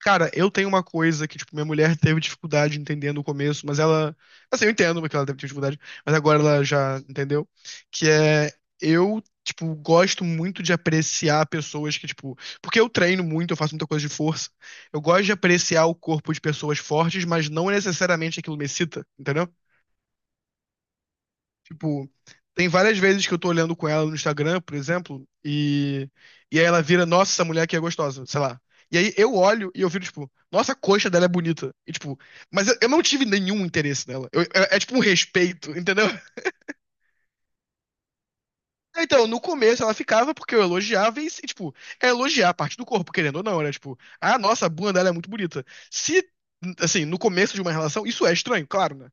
Cara, eu tenho uma coisa que, tipo, minha mulher teve dificuldade entendendo no começo, mas ela. Assim, eu entendo porque ela teve dificuldade, mas agora ela já entendeu. Que é. Eu, tipo, gosto muito de apreciar pessoas que, tipo. Porque eu treino muito, eu faço muita coisa de força. Eu gosto de apreciar o corpo de pessoas fortes, mas não necessariamente aquilo me excita, entendeu? Tipo, tem várias vezes que eu tô olhando com ela no Instagram, por exemplo, e aí ela vira, nossa, essa mulher aqui é gostosa, sei lá. E aí eu olho e eu viro, tipo, nossa, a coxa dela é bonita. E, tipo, mas eu não tive nenhum interesse nela. Eu- é, é tipo um respeito, entendeu? Então, no começo ela ficava porque eu elogiava e, tipo, é elogiar a parte do corpo, querendo ou não, era tipo, ah, nossa, a bunda dela é muito bonita. Se, assim, no começo de uma relação, isso é estranho, claro, né?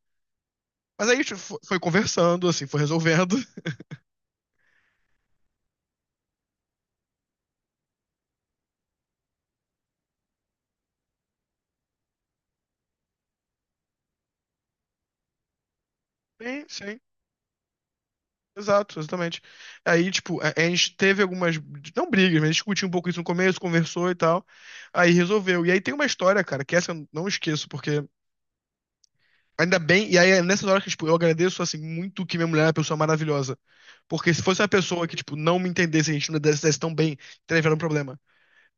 Mas aí tipo, foi conversando, assim, foi resolvendo. Sim, sim. Exato, exatamente. Aí, tipo, a gente teve algumas, não brigas, mas discutiu um pouco isso no começo, conversou e tal. Aí resolveu. E aí tem uma história, cara, que essa eu não esqueço, porque ainda bem, e aí é nessas horas que, tipo, eu agradeço, assim, muito que minha mulher é uma pessoa maravilhosa. Porque se fosse uma pessoa que, tipo, não me entendesse, a gente não desse tão bem, teria um problema.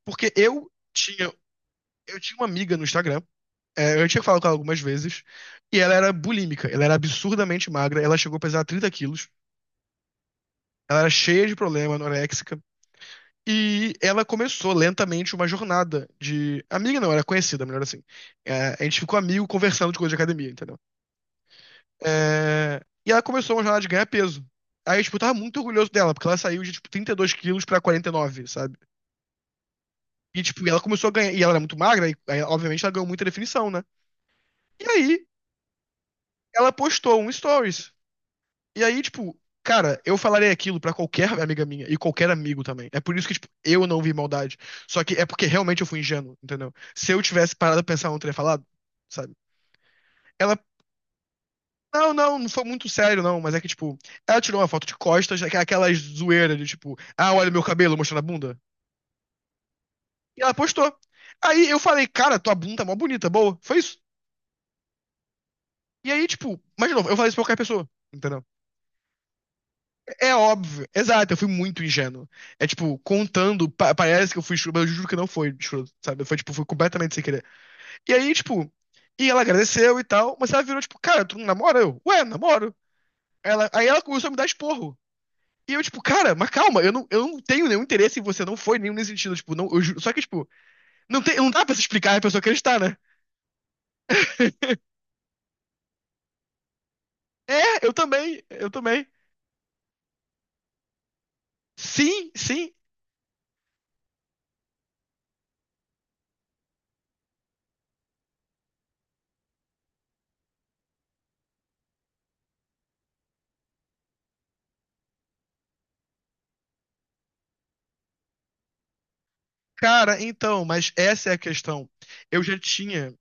Porque eu tinha uma amiga no Instagram, é, eu tinha falado com ela algumas vezes, e ela era bulímica, ela era absurdamente magra, ela chegou a pesar 30 quilos, ela era cheia de problema, anoréxica. E ela começou lentamente uma jornada de. Amiga não, era conhecida, melhor assim. É, a gente ficou amigo conversando de coisa de academia, entendeu? É, e ela começou uma jornada de ganhar peso. Aí, tipo, eu tava muito orgulhoso dela, porque ela saiu de, tipo, 32 quilos pra 49, sabe? E, tipo, ela começou a ganhar. E ela era muito magra, e aí, obviamente ela ganhou muita definição, né? E aí, ela postou um stories. E aí, tipo, cara, eu falarei aquilo pra qualquer amiga minha e qualquer amigo também. É por isso que, tipo, eu não vi maldade. Só que é porque realmente eu fui ingênuo, entendeu? Se eu tivesse parado a pensar, eu não teria falado, sabe? Ela, não foi muito sério, não, mas é que, tipo, ela tirou uma foto de costas, aquela zoeira de, tipo, ah, olha meu cabelo mostrando a bunda. E ela postou. Aí eu falei, cara, tua bunda tá mó bonita, boa. Foi isso. E aí, tipo, mas de novo, eu falei isso pra qualquer pessoa, entendeu? É óbvio. Exato, eu fui muito ingênuo. É tipo, contando, parece que eu fui escroto, mas eu juro que não foi escroto, sabe? Foi tipo, foi completamente sem querer. E aí, tipo, e ela agradeceu e tal, mas ela virou tipo, cara, tu não namora? Eu, ué, namoro. Ela, aí ela começou a me dar esporro. E eu, tipo, cara, mas calma, eu não tenho nenhum interesse em você, não foi nenhum nesse sentido, tipo, não, só que, tipo, não, tem, não dá pra se explicar e a pessoa acreditar, né? É, eu também. Sim, sim. Cara, então, mas essa é a questão. Eu já tinha.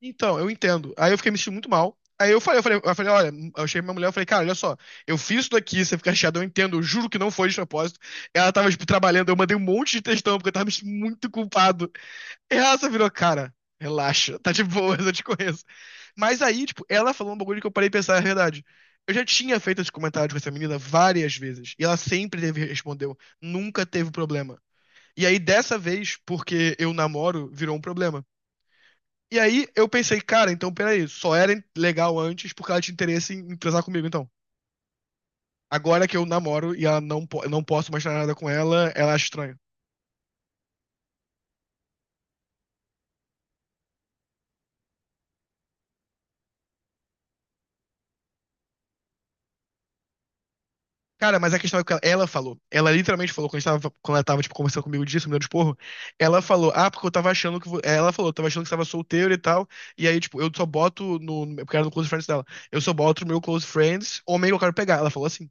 Então, eu entendo. Aí eu fiquei me sentindo muito mal. Aí eu falei, eu falei, eu falei, olha, eu cheguei pra minha mulher, eu falei, cara, olha só, eu fiz isso daqui, você fica chateado, eu entendo, eu juro que não foi de propósito. Ela tava, tipo, trabalhando, eu mandei um monte de textão, porque eu tava me sentindo muito culpado. E ela só virou, cara, relaxa, tá de boa, eu te conheço. Mas aí, tipo, ela falou um bagulho que eu parei de pensar, é verdade. Eu já tinha feito esse comentário com essa menina várias vezes, e ela sempre teve, respondeu, nunca teve problema. E aí, dessa vez, porque eu namoro, virou um problema. E aí eu pensei, cara, então peraí, só era legal antes porque ela tinha interesse em, em transar comigo, então. Agora que eu namoro e ela não, eu não posso mais fazer nada com ela, ela acha estranho. Cara, mas a questão é que ela falou. Ela literalmente falou, quando, a gente tava, quando ela tava, tipo, conversando comigo disso, me dando de porro, ela falou, ah, porque eu tava achando que... Ela falou, eu tava achando que você tava solteiro e tal, e aí, tipo, eu só boto no... porque era no Close Friends dela. Eu só boto no meu Close Friends, homem que eu quero pegar. Ela falou assim.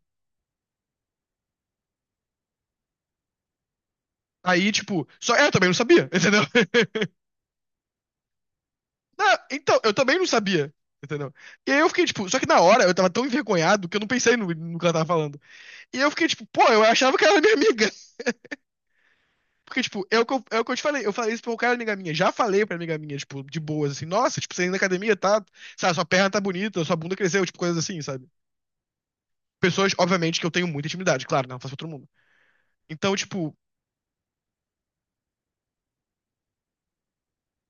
Aí, tipo, só ela também não sabia, entendeu? Não, então, eu também não sabia. Entendeu? E aí eu fiquei, tipo, só que na hora eu tava tão envergonhado que eu não pensei no, no que ela tava falando. E eu fiquei, tipo, pô, eu achava que ela era minha amiga. Porque, tipo, é o que eu te falei. Eu falei isso pra um cara amiga minha. Já falei pra amiga minha, tipo, de boas, assim, nossa, tipo, você indo na academia, tá? Sabe, sua perna tá bonita, sua bunda cresceu, tipo, coisas assim, sabe? Pessoas, obviamente, que eu tenho muita intimidade, claro, né, não faço pra todo mundo. Então, tipo,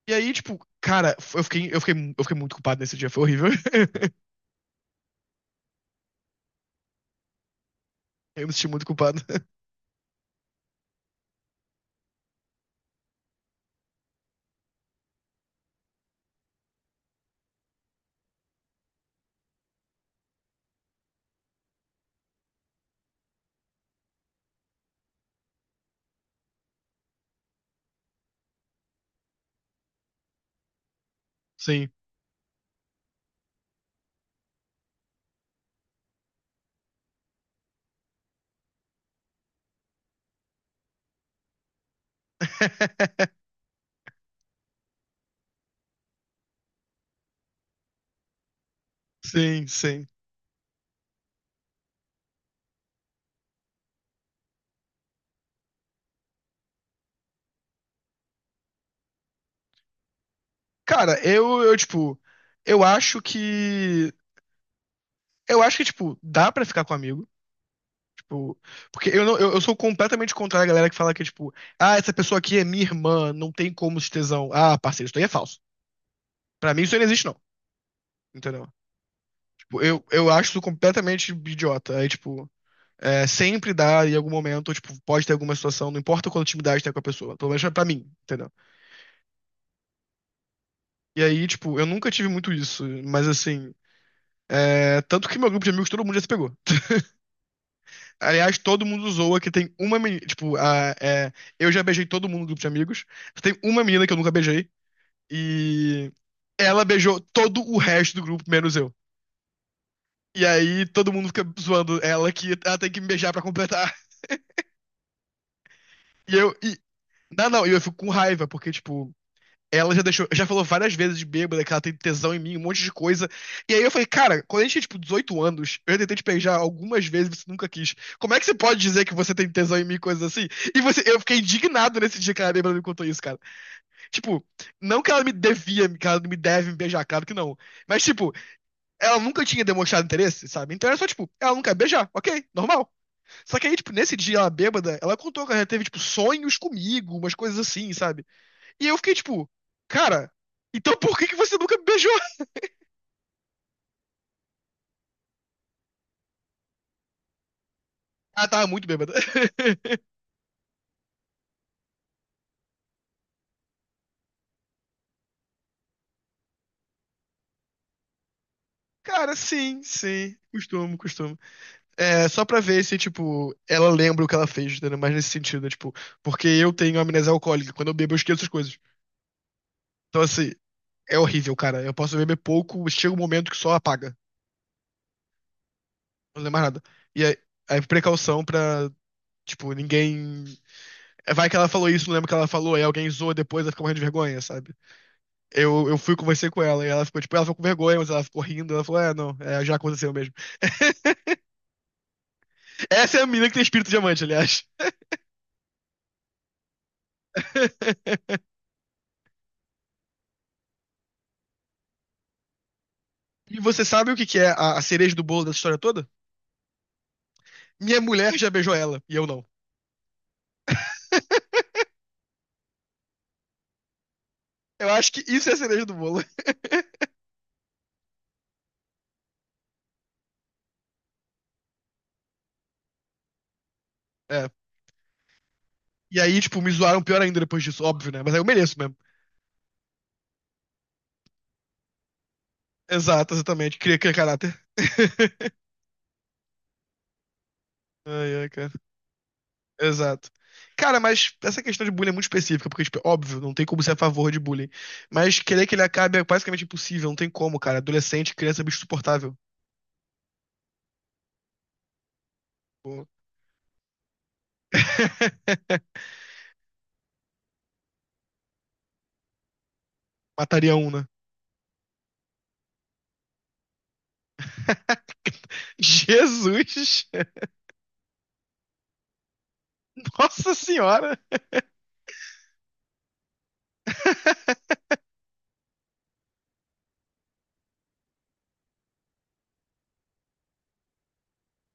e aí, tipo, cara, eu fiquei muito culpado nesse dia, foi horrível. Eu me senti muito culpado. Sim. Sim, sim. Cara, tipo, eu acho que. Eu acho que, tipo, dá pra ficar com amigo. Tipo, porque eu, não, eu sou completamente contrário à galera que fala que, tipo, ah, essa pessoa aqui é minha irmã, não tem como se tesão. Ah, parceiro, isso daí é falso. Pra mim, isso aí não existe, não. Entendeu? Tipo, eu acho isso completamente idiota. Aí, tipo, é, sempre dá em algum momento, tipo, pode ter alguma situação, não importa quanta intimidade tem com a pessoa. Pelo menos pra mim, entendeu? E aí, tipo, eu nunca tive muito isso, mas assim. É, tanto que meu grupo de amigos, todo mundo já se pegou. Aliás, todo mundo zoa que tem uma menina. Tipo, a, é, eu já beijei todo mundo no grupo de amigos. Tem uma menina que eu nunca beijei. E ela beijou todo o resto do grupo, menos eu. E aí todo mundo fica zoando ela que ela tem que me beijar pra completar. E eu. E, não, não, e eu fico com raiva, porque, tipo, ela já deixou, já falou várias vezes de bêbada que ela tem tesão em mim, um monte de coisa. E aí eu falei, cara, quando a gente tinha tipo 18 anos, eu tentei te beijar algumas vezes, e você nunca quis. Como é que você pode dizer que você tem tesão em mim, coisas assim? E você, eu fiquei indignado nesse dia que a bêbada me contou isso, cara. Tipo, não que ela me devia, que ela me deve me beijar, claro que não. Mas tipo, ela nunca tinha demonstrado interesse, sabe? Então era só tipo, ela não quer beijar, ok, normal. Só que aí, tipo, nesse dia ela bêbada, ela contou que ela teve tipo sonhos comigo, umas coisas assim, sabe? E eu fiquei tipo, cara, então por que que você nunca me beijou? Ah, tava muito bêbada. Cara, sim, sim. Costumo, costumo. É, só pra ver se, tipo, ela lembra o que ela fez, entendeu? Mas nesse sentido, né? Tipo, porque eu tenho amnésia alcoólica. Quando eu bebo, eu esqueço as coisas. Então, assim, é horrível, cara. Eu posso beber pouco, chega um momento que só apaga. Não lembro mais nada. E aí, aí precaução pra, tipo, ninguém. É, vai que ela falou isso, não lembro o que ela falou, aí alguém zoa depois, ela fica morrendo de vergonha, sabe? Eu fui conversei com ela e ela ficou, tipo, ela ficou com vergonha, mas ela ficou rindo. Ela falou, é, não, é, já aconteceu mesmo. Essa é a menina que tem espírito diamante, aliás. E você sabe o que que é a cereja do bolo dessa história toda? Minha mulher já beijou ela, e eu não. Eu acho que isso é a cereja do bolo. É. E aí, tipo, me zoaram pior ainda depois disso, óbvio, né? Mas aí eu mereço mesmo. Exato, exatamente. Cria, cria caráter. Ai, ai, cara. Exato. Cara, mas essa questão de bullying é muito específica, porque, tipo, é óbvio, não tem como ser a favor de bullying. Mas querer que ele acabe é basicamente impossível, não tem como, cara. Adolescente, criança, é bicho insuportável. Pô. Mataria um, né? Jesus! Nossa Senhora!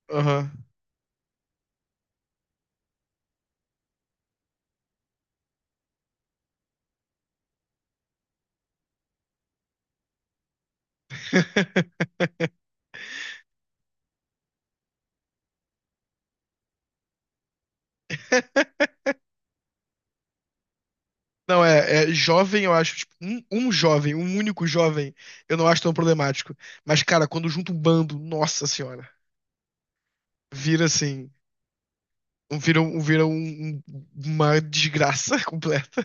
Aham. Não, é, é jovem, eu acho, tipo, um jovem, um único jovem, eu não acho tão problemático. Mas, cara, quando junta um bando, nossa senhora, vira assim. Vira uma desgraça completa.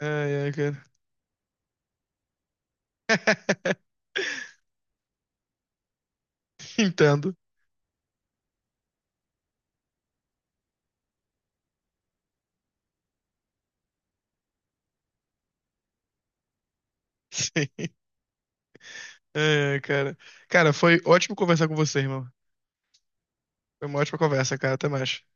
Ai, ai, cara. Entendo. Sim. Ai, ai, cara. Cara, foi ótimo conversar com você, irmão. Foi uma ótima conversa, cara. Até mais.